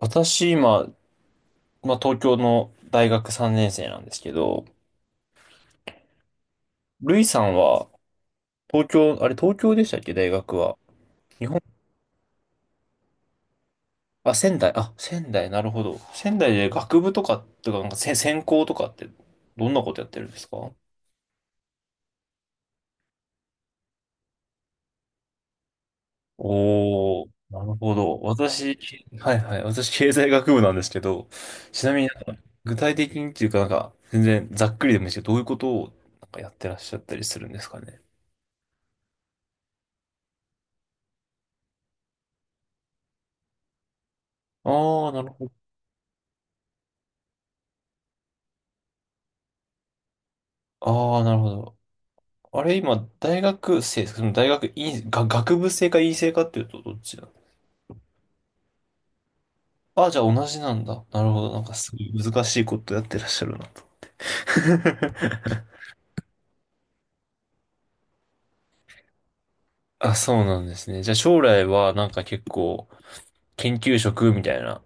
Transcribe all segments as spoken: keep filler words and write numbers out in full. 私、今、まあ、東京の大学さんねん生なんですけど、ルイさんは、東京、あれ、東京でしたっけ、大学は。日本、あ、仙台、あ、仙台、なるほど。仙台で学部とか、とか、なんか、せ専攻とかって、どんなことやってるんですか？おー、なるほど。私、はいはい、私、経済学部なんですけど、ちなみに、具体的にっていうか、なんか、全然ざっくりでもいいですけど、どういうことを、なんかやってらっしゃったりするんですかね。ああ、なるほど。ああ、なるほど。あれ、今、大学生、その大学院、が、学部生か院生かっていうとどっちなの？あ、じゃあ同じなんだ。なるほど。なんかすごい難しいことやってらっしゃるな。あ、そうなんですね。じゃあ将来はなんか結構研究職みたいな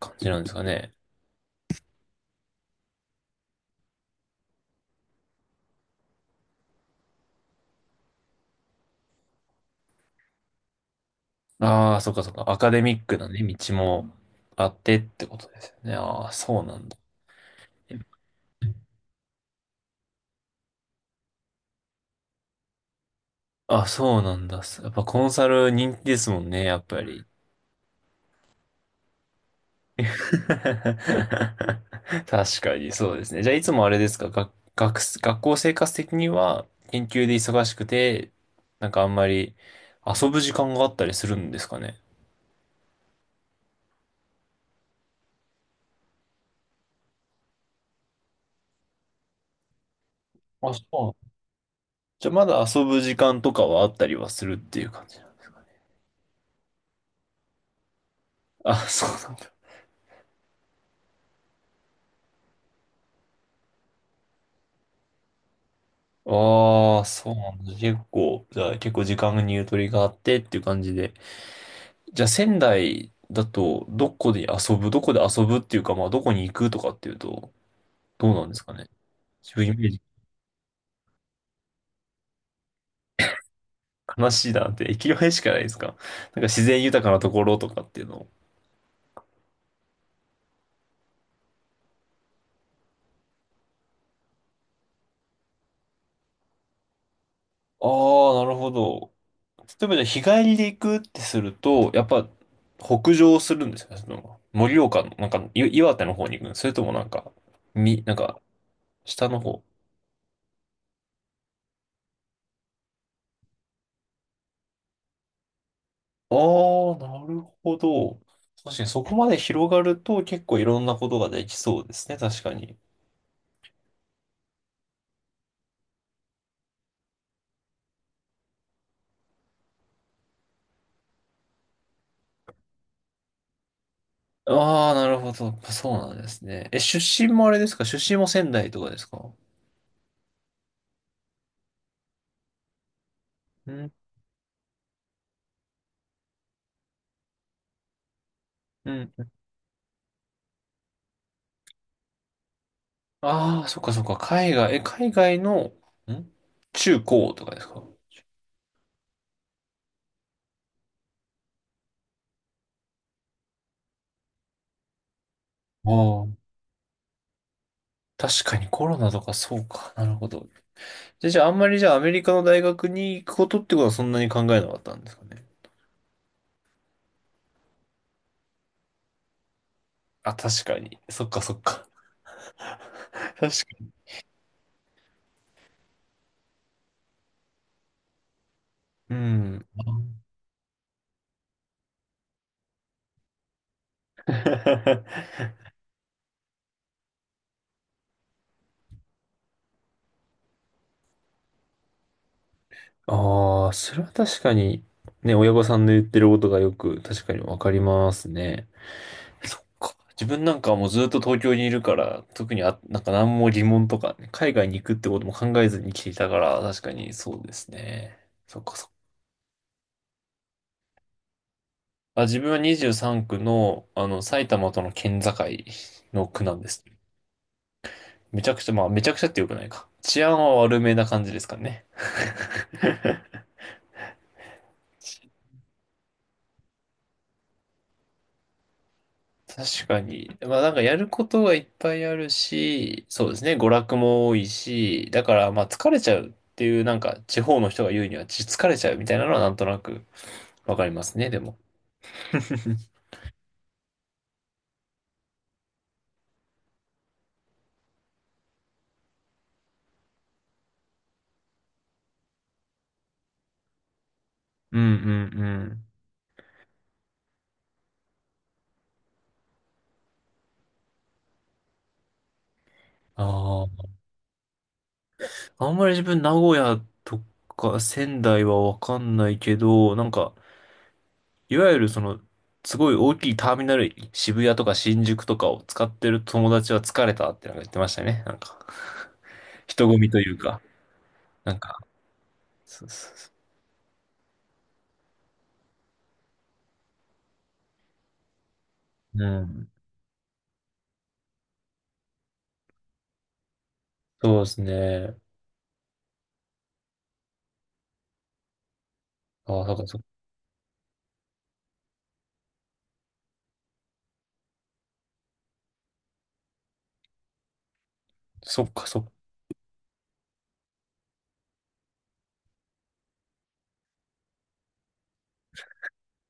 感じなんですかね。ああ、そっかそっか。アカデミックなね、道もあってってことですよね。ああ、そうなんだ。あ、そうなんだ。やっぱコンサル人気ですもんね、やっぱり。確かにそうですね。じゃあいつもあれですか、学、学、学校生活的には研究で忙しくて、なんかあんまり遊ぶ時間があったりするんですかね。あ、そう。じゃあまだ遊ぶ時間とかはあったりはするっていう感じなんですかね。あ、そうなんだ。ああ、そうなんだ。結構、じゃあ結構時間にゆとりがあってっていう感じで。じゃあ仙台だと、どこで遊ぶ、どこで遊ぶっていうか、まあどこに行くとかっていうと、どうなんですかね。自分イメージ悲しいなって、駅前しかないですか？なんか自然豊かなところとかっていうの。ああ、なるほど。例えばじゃあ日帰りで行くってすると、やっぱ北上するんですか？その、盛岡の、なんかい岩手の方に行くの？それともなんか、み、なんか下の方。ああ、なるほど。確かにそこまで広がると結構いろんなことができそうですね、確かに。ああ、なるほど。そうなんですね。え、出身もあれですか？出身も仙台とかですか？うんうんう、ああ、そっかそっか。海外、え、海外の、ん、中高とかですか？ああ。確かにコロナとかそうか。なるほど。じゃあ、じゃああんまりじゃあアメリカの大学に行くことってことはそんなに考えなかったんですかね。あ、確かに。そっかそっか。確かに。うん。あ、 あー、それは確かに、ね、親御さんの言ってることがよく確かにわかりますね。そっか。自分なんかはもうずっと東京にいるから、特にあ、なんか何も疑問とかね、海外に行くってことも考えずに来ていたから、確かにそうですね。そっかそっか。あ、自分はにじゅうさん区の、あの、埼玉との県境の区なんです。めちゃくちゃ、まあ、めちゃくちゃってよくないか。治安は悪めな感じですかね。確かに。まあなんかやることはいっぱいあるし、そうですね、娯楽も多いし、だからまあ疲れちゃうっていうなんか地方の人が言うにはち疲れちゃうみたいなのはなんとなくわかりますね、でも。うんうんうん。ああ、あんまり自分名古屋とか仙台はわかんないけど、なんか、いわゆるその、すごい大きいターミナル、渋谷とか新宿とかを使ってる友達は疲れたってなんか言ってましたね。なんか、人混みというか、なんか、そうそうそう、うん。そうですね。ああ、なんかそ、そっかそっか。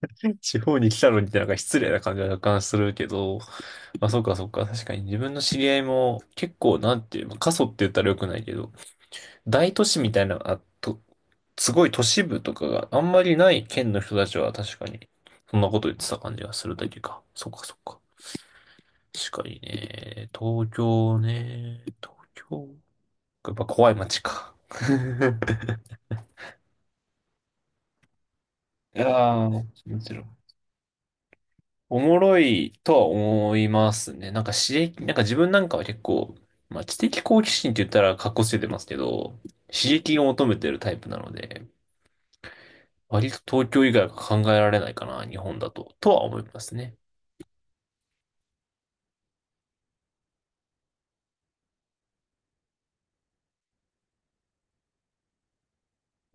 地方に来たのにってなんか失礼な感じは若干するけど、まあそっかそっか。確かに自分の知り合いも結構なんていう、まあ過疎って言ったら良くないけど、大都市みたいな、あと、すごい都市部とかがあんまりない県の人たちは確かに、そんなこと言ってた感じがするだけか。そっかそっか。確かにね。東京ね。東京。やっぱ怖い街か。いやー、もちろん。おもろいとは思いますね。なんか刺激、なんか自分なんかは結構、まあ知的好奇心って言ったら格好つけてますけど、刺激を求めてるタイプなので、割と東京以外は考えられないかな、日本だと、とは思いますね。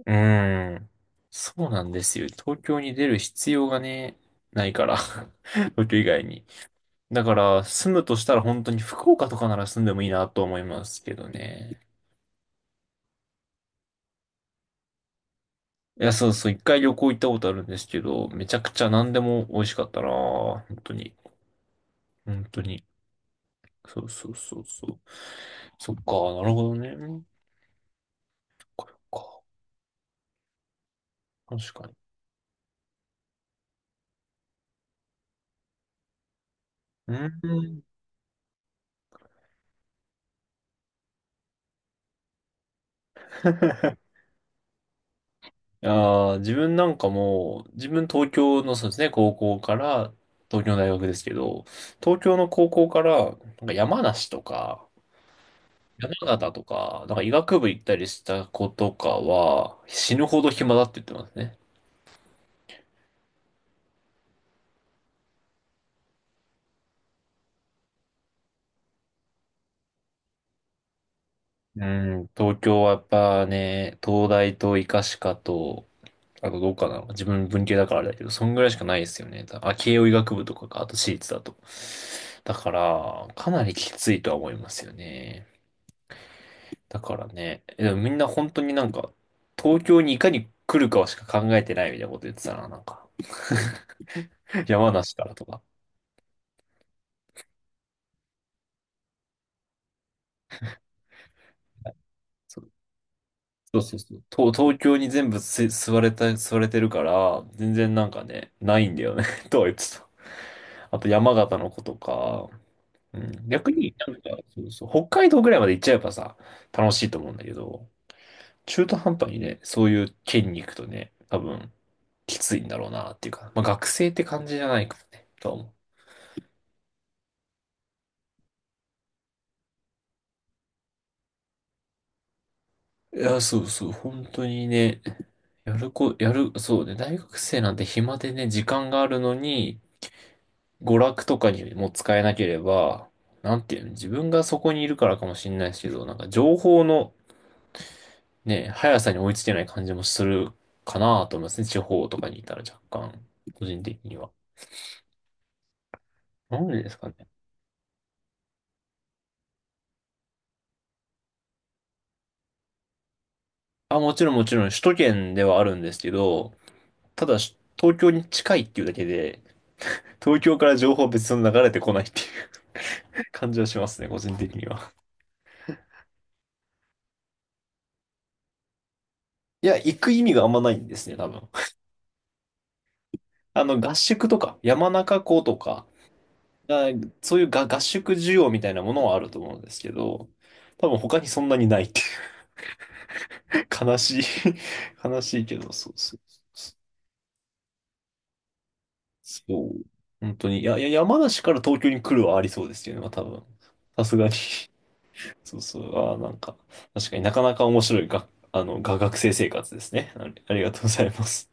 うーん。そうなんですよ。東京に出る必要がね、ないから。東京以外に。だから、住むとしたら本当に福岡とかなら住んでもいいなと思いますけどね。いや、そうそう、一回旅行行ったことあるんですけど、めちゃくちゃ何でも美味しかったなぁ。本当に。本当に。そうそうそうそう。そっか、なるほどね。これか。確かに。うん。いやー自分なんかもう、自分東京のそうですね、高校から、東京の大学ですけど、東京の高校から、なんか山梨とか、山形とか、なんか医学部行ったりした子とかは、死ぬほど暇だって言ってますね。うん、東京はやっぱね、東大と医科歯科と、あとどうかな、自分文系だからあれだけど、そんぐらいしかないですよね。あ、慶応医学部とかか、あと私立だと。だから、かなりきついとは思いますよね。だからね、でもみんな本当になんか、東京にいかに来るかしか考えてないみたいなこと言ってたな、なんか。山梨からとか。そうそうそうそう。東、東京に全部す吸われた、吸われてるから、全然なんかね、ないんだよね。 とは言ってた。あと山形の子とか、うん、逆になんか、そうそう、北海道ぐらいまで行っちゃえばさ、楽しいと思うんだけど、中途半端にね、そういう県に行くとね、多分、きついんだろうなっていうか、まあ学生って感じじゃないからね、とは思う。いや、そうそう、本当にね、やるこ、やる、そうね、大学生なんて暇でね、時間があるのに、娯楽とかにも使えなければ、なんていうの、自分がそこにいるからかもしれないですけど、なんか情報のね、速さに追いつけない感じもするかなと思いますね。地方とかにいたら若干、個人的には。なんでですかね。あ、もちろんもちろん首都圏ではあるんですけど、ただし東京に近いっていうだけで、東京から情報は別に流れてこないっていう 感じはしますね、個人的には。いや、行く意味があんまないんですね、多分。あの、合宿とか、山中湖とか、が、そういうが合宿需要みたいなものはあると思うんですけど、多分他にそんなにないっていう、悲しい 悲しいけど、そうそうそう。そう。本当に。いや、いや、山梨から東京に来るはありそうですよね、まあ、多分。さすがに。 そうそう。ああ、なんか、確かになかなか面白いが、あの、が学生生活ですね。ありありがとうございます。